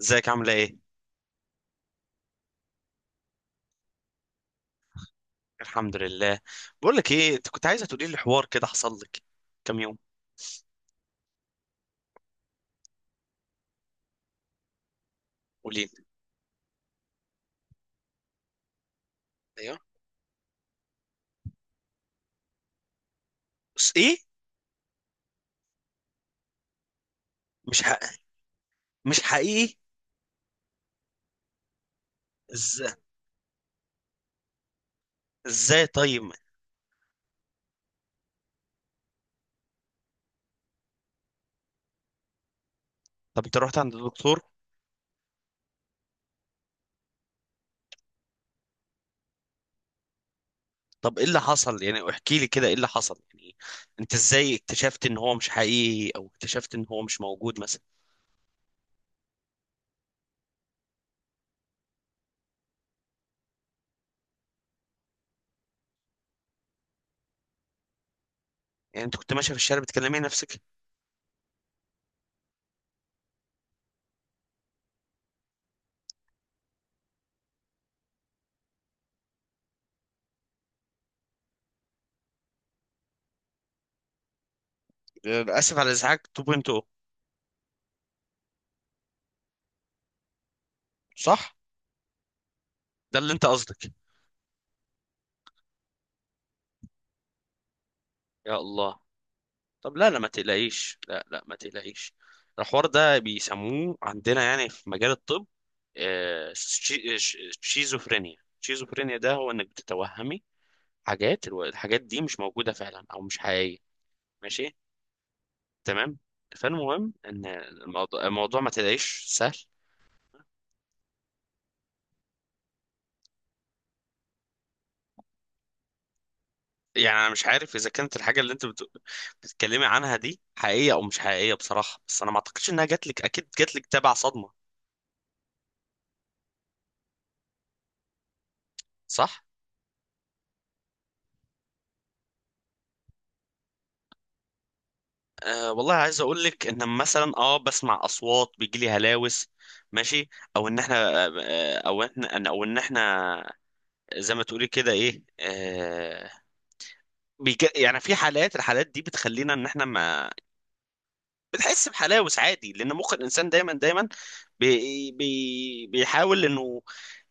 ازيك؟ عامله ايه؟ الحمد لله. بقول لك ايه، انت كنت عايزه تقولي لي حوار كده حصل لك كام يوم. قولي لي. ايوه، بس ايه؟ مش حق... مش حقيقي؟ ازاي؟ ازاي طيب؟ طب انت رحت عند الدكتور؟ طب ايه اللي حصل يعني؟ احكي لي كده ايه اللي حصل يعني. انت ازاي اكتشفت ان هو مش حقيقي، او اكتشفت ان هو مش موجود مثلا؟ يعني انت كنت ماشيه في الشارع بتكلمي نفسك؟ اسف على الازعاج 2.0. صح، ده اللي انت قصدك؟ يا الله. طب لا لا ما تقلقيش، لا لا ما تقلقيش. الحوار ده بيسموه عندنا يعني في مجال الطب شيزوفرينيا. شيزوفرينيا ده هو انك بتتوهمي حاجات، الحاجات دي مش موجودة فعلا او مش حقيقية. ماشي، تمام. فالمهم ان الموضوع ما تلاقيش سهل. يعني انا مش عارف اذا كانت الحاجة اللي بتتكلمي عنها دي حقيقية او مش حقيقية بصراحة، بس انا ما اعتقدش انها جاتلك، اكيد جاتلك تبع صدمة، صح. أه والله عايز اقول لك ان مثلا اه بسمع اصوات، بيجي لي هلاوس. ماشي. او ان احنا، آه، او احنا او ان احنا زي ما تقولي كده ايه أه. يعني في حالات، الحالات دي بتخلينا ان احنا ما بنحس بحلاوس عادي، لان مخ الانسان دايما بيحاول انه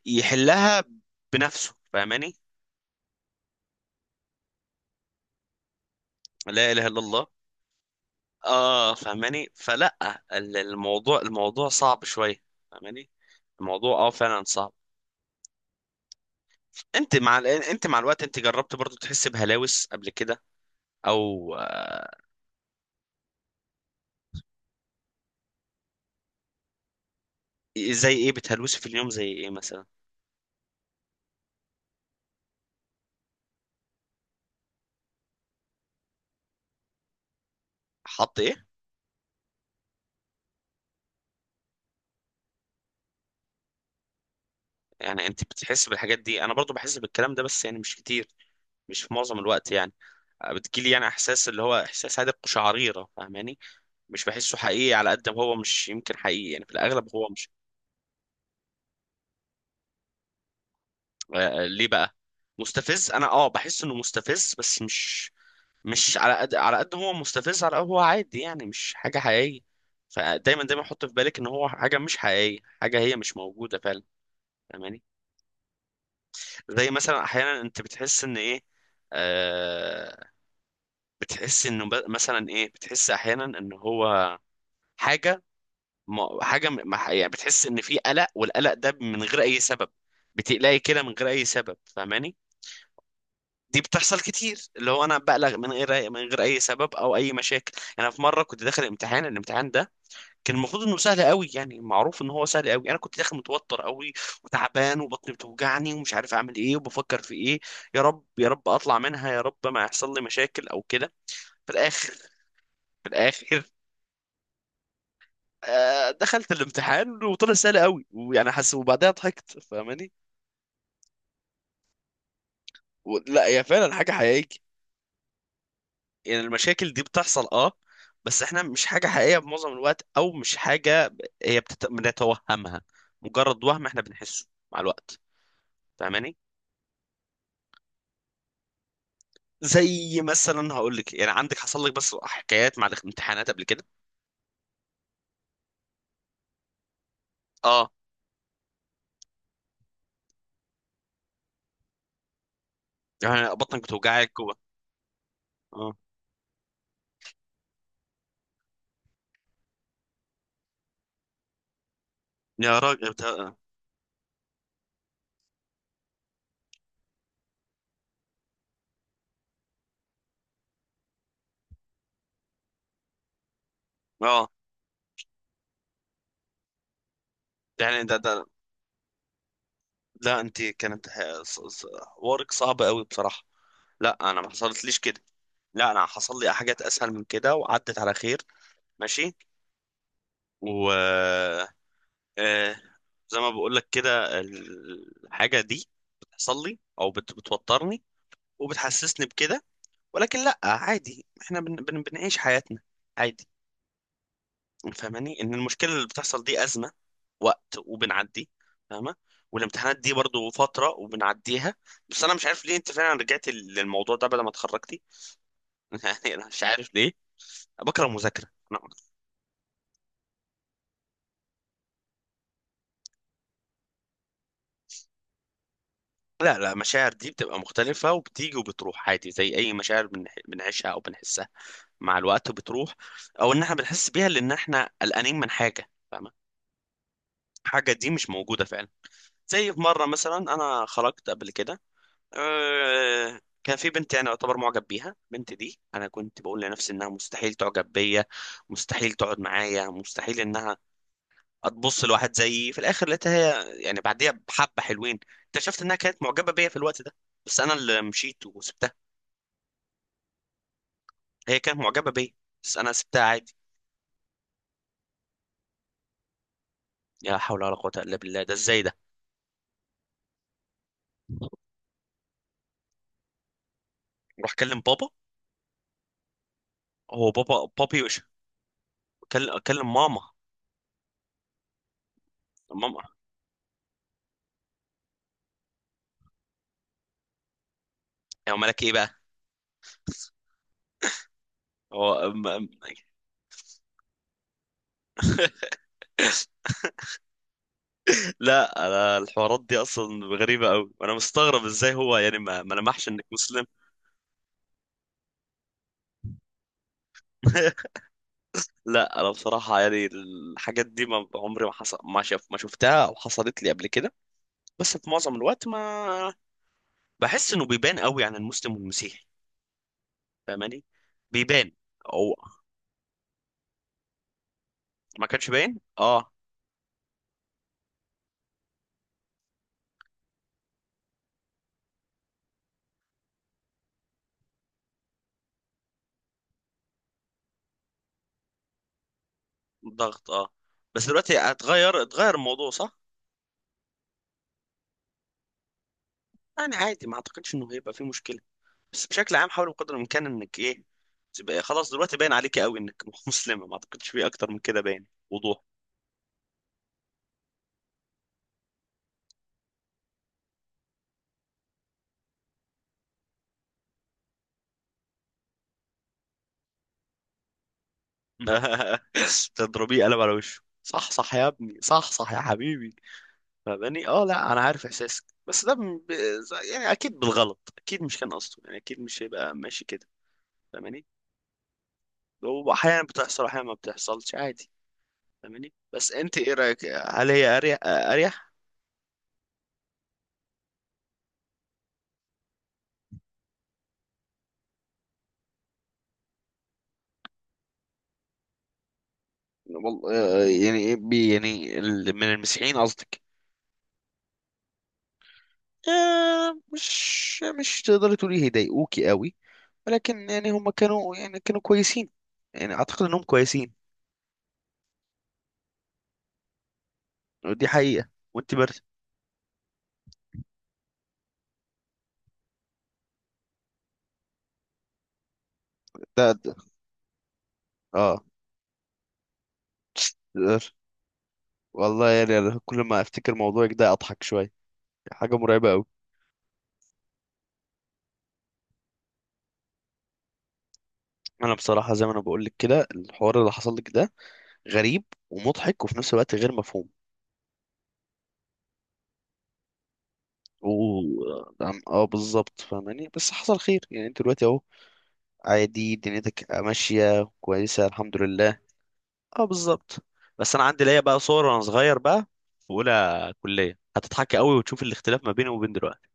يحلها بنفسه، فاهماني؟ لا اله الا الله. اه، فاهماني؟ فلا، الموضوع صعب شويه، فاهماني؟ الموضوع اه فعلا صعب. انت مع الوقت انت جربت برضو تحس بهلاوس قبل كده؟ او زي ايه بتهلوسي في اليوم؟ زي ايه مثلا؟ حط ايه؟ يعني انت بتحس بالحاجات دي؟ انا برضو بحس بالكلام ده بس يعني مش كتير، مش في معظم الوقت يعني. بتجيلي يعني احساس، اللي هو احساس هادئ، قشعريرة، فاهماني؟ مش بحسه حقيقي على قد ما هو، مش يمكن حقيقي يعني، في الاغلب هو مش. ليه بقى مستفز؟ انا اه بحس انه مستفز بس مش، مش على قد، على قد هو مستفز، على قد هو عادي يعني، مش حاجة حقيقية. فدايما حط في بالك ان هو حاجة مش حقيقية، حاجة هي مش موجودة فعلا، فاهماني؟ زي مثلا احيانا انت بتحس ان ايه، آه، بتحس انه مثلا ايه، بتحس احيانا ان هو حاجة، ما حاجة م- ما- يعني بتحس ان في قلق، والقلق ده من غير اي سبب. بتقلقي كده من غير اي سبب، فاهماني؟ دي بتحصل كتير، اللي هو انا بقلق من غير اي سبب او اي مشاكل. انا في مره كنت داخل امتحان، الامتحان ده كان المفروض انه سهل قوي، يعني معروف ان هو سهل قوي، انا كنت داخل متوتر قوي وتعبان وبطني بتوجعني ومش عارف اعمل ايه وبفكر في ايه. يا رب يا رب اطلع منها، يا رب ما يحصل لي مشاكل او كده. في الاخر في الاخر آه دخلت الامتحان وطلع سهل قوي ويعني حس، وبعدها ضحكت، فاهماني؟ لا هي فعلا حاجه حقيقيه، يعني المشاكل دي بتحصل اه، بس احنا مش حاجه حقيقيه بمعظم الوقت، او مش حاجه هي بنتوهمها، مجرد وهم احنا بنحسه مع الوقت، فاهماني؟ زي مثلا هقول لك، يعني عندك حصل لك بس حكايات مع الامتحانات قبل كده؟ اه، يعني بطنك بتوجعك و... اه، يا راجل بتا... اه، يعني ده، ده، لا انت كانت حوارك صعب قوي بصراحة. لا انا ما حصلتليش كده، لا انا حصل لي حاجات اسهل من كده وعدت على خير. ماشي، و آه، زي ما بقول لك كده، الحاجة دي بتحصل لي او بتوترني وبتحسسني بكده، ولكن لا عادي، احنا بن بن بنعيش حياتنا عادي، فاهماني؟ ان المشكله اللي بتحصل دي ازمه وقت وبنعدي، فاهمه؟ والامتحانات دي برضو فتره وبنعديها. بس انا مش عارف ليه انت فعلا رجعت للموضوع ده بعد ما اتخرجتي. يعني انا مش عارف ليه بكره المذاكره. أنا- لا لا، المشاعر دي بتبقى مختلفه، وبتيجي وبتروح عادي زي اي مشاعر بنعيشها او بنحسها، مع الوقت بتروح، او ان احنا بنحس بيها لان احنا قلقانين من حاجه، فاهمه؟ حاجه دي مش موجوده فعلا. زي في مرة مثلا أنا خرجت قبل كده، أه كان في بنت، يعني أعتبر معجب بيها البنت دي، أنا كنت بقول لنفسي إنها مستحيل تعجب بيا، مستحيل تقعد معايا، مستحيل إنها هتبص لواحد زيي. في الآخر لقيتها هي يعني بعديها بحبة حلوين اكتشفت إنها كانت معجبة بيا في الوقت ده، بس أنا اللي مشيت وسبتها. هي كانت معجبة بيا بس أنا سبتها عادي. لا حول ولا قوة إلا بالله، ده إزاي ده؟ روح كلم بابا. هو بابا بابي وش؟ كلم ماما. ماما، يا مالك إيه بقى. هو، لا انا الحوارات دي اصلا غريبه قوي، وانا مستغرب ازاي هو يعني ما لمحش انك مسلم. لا انا بصراحه يعني الحاجات دي ما عمري، ما شفتها او حصلت لي قبل كده. بس في معظم الوقت ما، بحس انه بيبان قوي عن المسلم والمسيحي، فاهماني؟ بيبان. او ما كانش باين، اه. ضغط، اه. بس دلوقتي اتغير، اتغير الموضوع، صح؟ يعني عادي، ما اعتقدش انه هيبقى فيه مشكله. بس بشكل عام حاول بقدر الامكان انك ايه، تبقى خلاص دلوقتي باين عليك قوي انك مسلمه، ما اعتقدش في اكتر من كده باين وضوح. تضربيه قلم على وشه. صح صح يا ابني، صح صح يا حبيبي، فاهماني؟ اه لا انا عارف احساسك، بس ده يعني اكيد بالغلط، اكيد مش كان قصده، يعني اكيد مش هيبقى ماشي كده، فاهماني؟ واحيانا بتحصل، احيانا ما بتحصلش، عادي، فاهماني؟ بس انت ايه رايك، هل هي اريح؟ اريح والله؟ يعني إيه يعني من المسيحيين قصدك؟ مش مش تقدري تقولي هيضايقوكي قوي، ولكن يعني هم كانوا يعني كانوا كويسين، يعني اعتقد انهم كويسين، ودي حقيقة. وانت برد. ده، اه، تقدر. والله يعني أنا كل ما افتكر موضوعك ده اضحك شوية. حاجة مرعبة قوي. انا بصراحة زي ما انا بقول لك كده، الحوار اللي حصل لك ده غريب ومضحك وفي نفس الوقت غير مفهوم، و اه، بالظبط، فاهماني؟ بس حصل خير، يعني انت دلوقتي اهو عادي، دنيتك ماشية كويسة الحمد لله. اه بالظبط. بس انا عندي ليا بقى صور وانا صغير بقى في اولى كليه، هتضحك قوي وتشوف الاختلاف ما بيني وبين دلوقتي.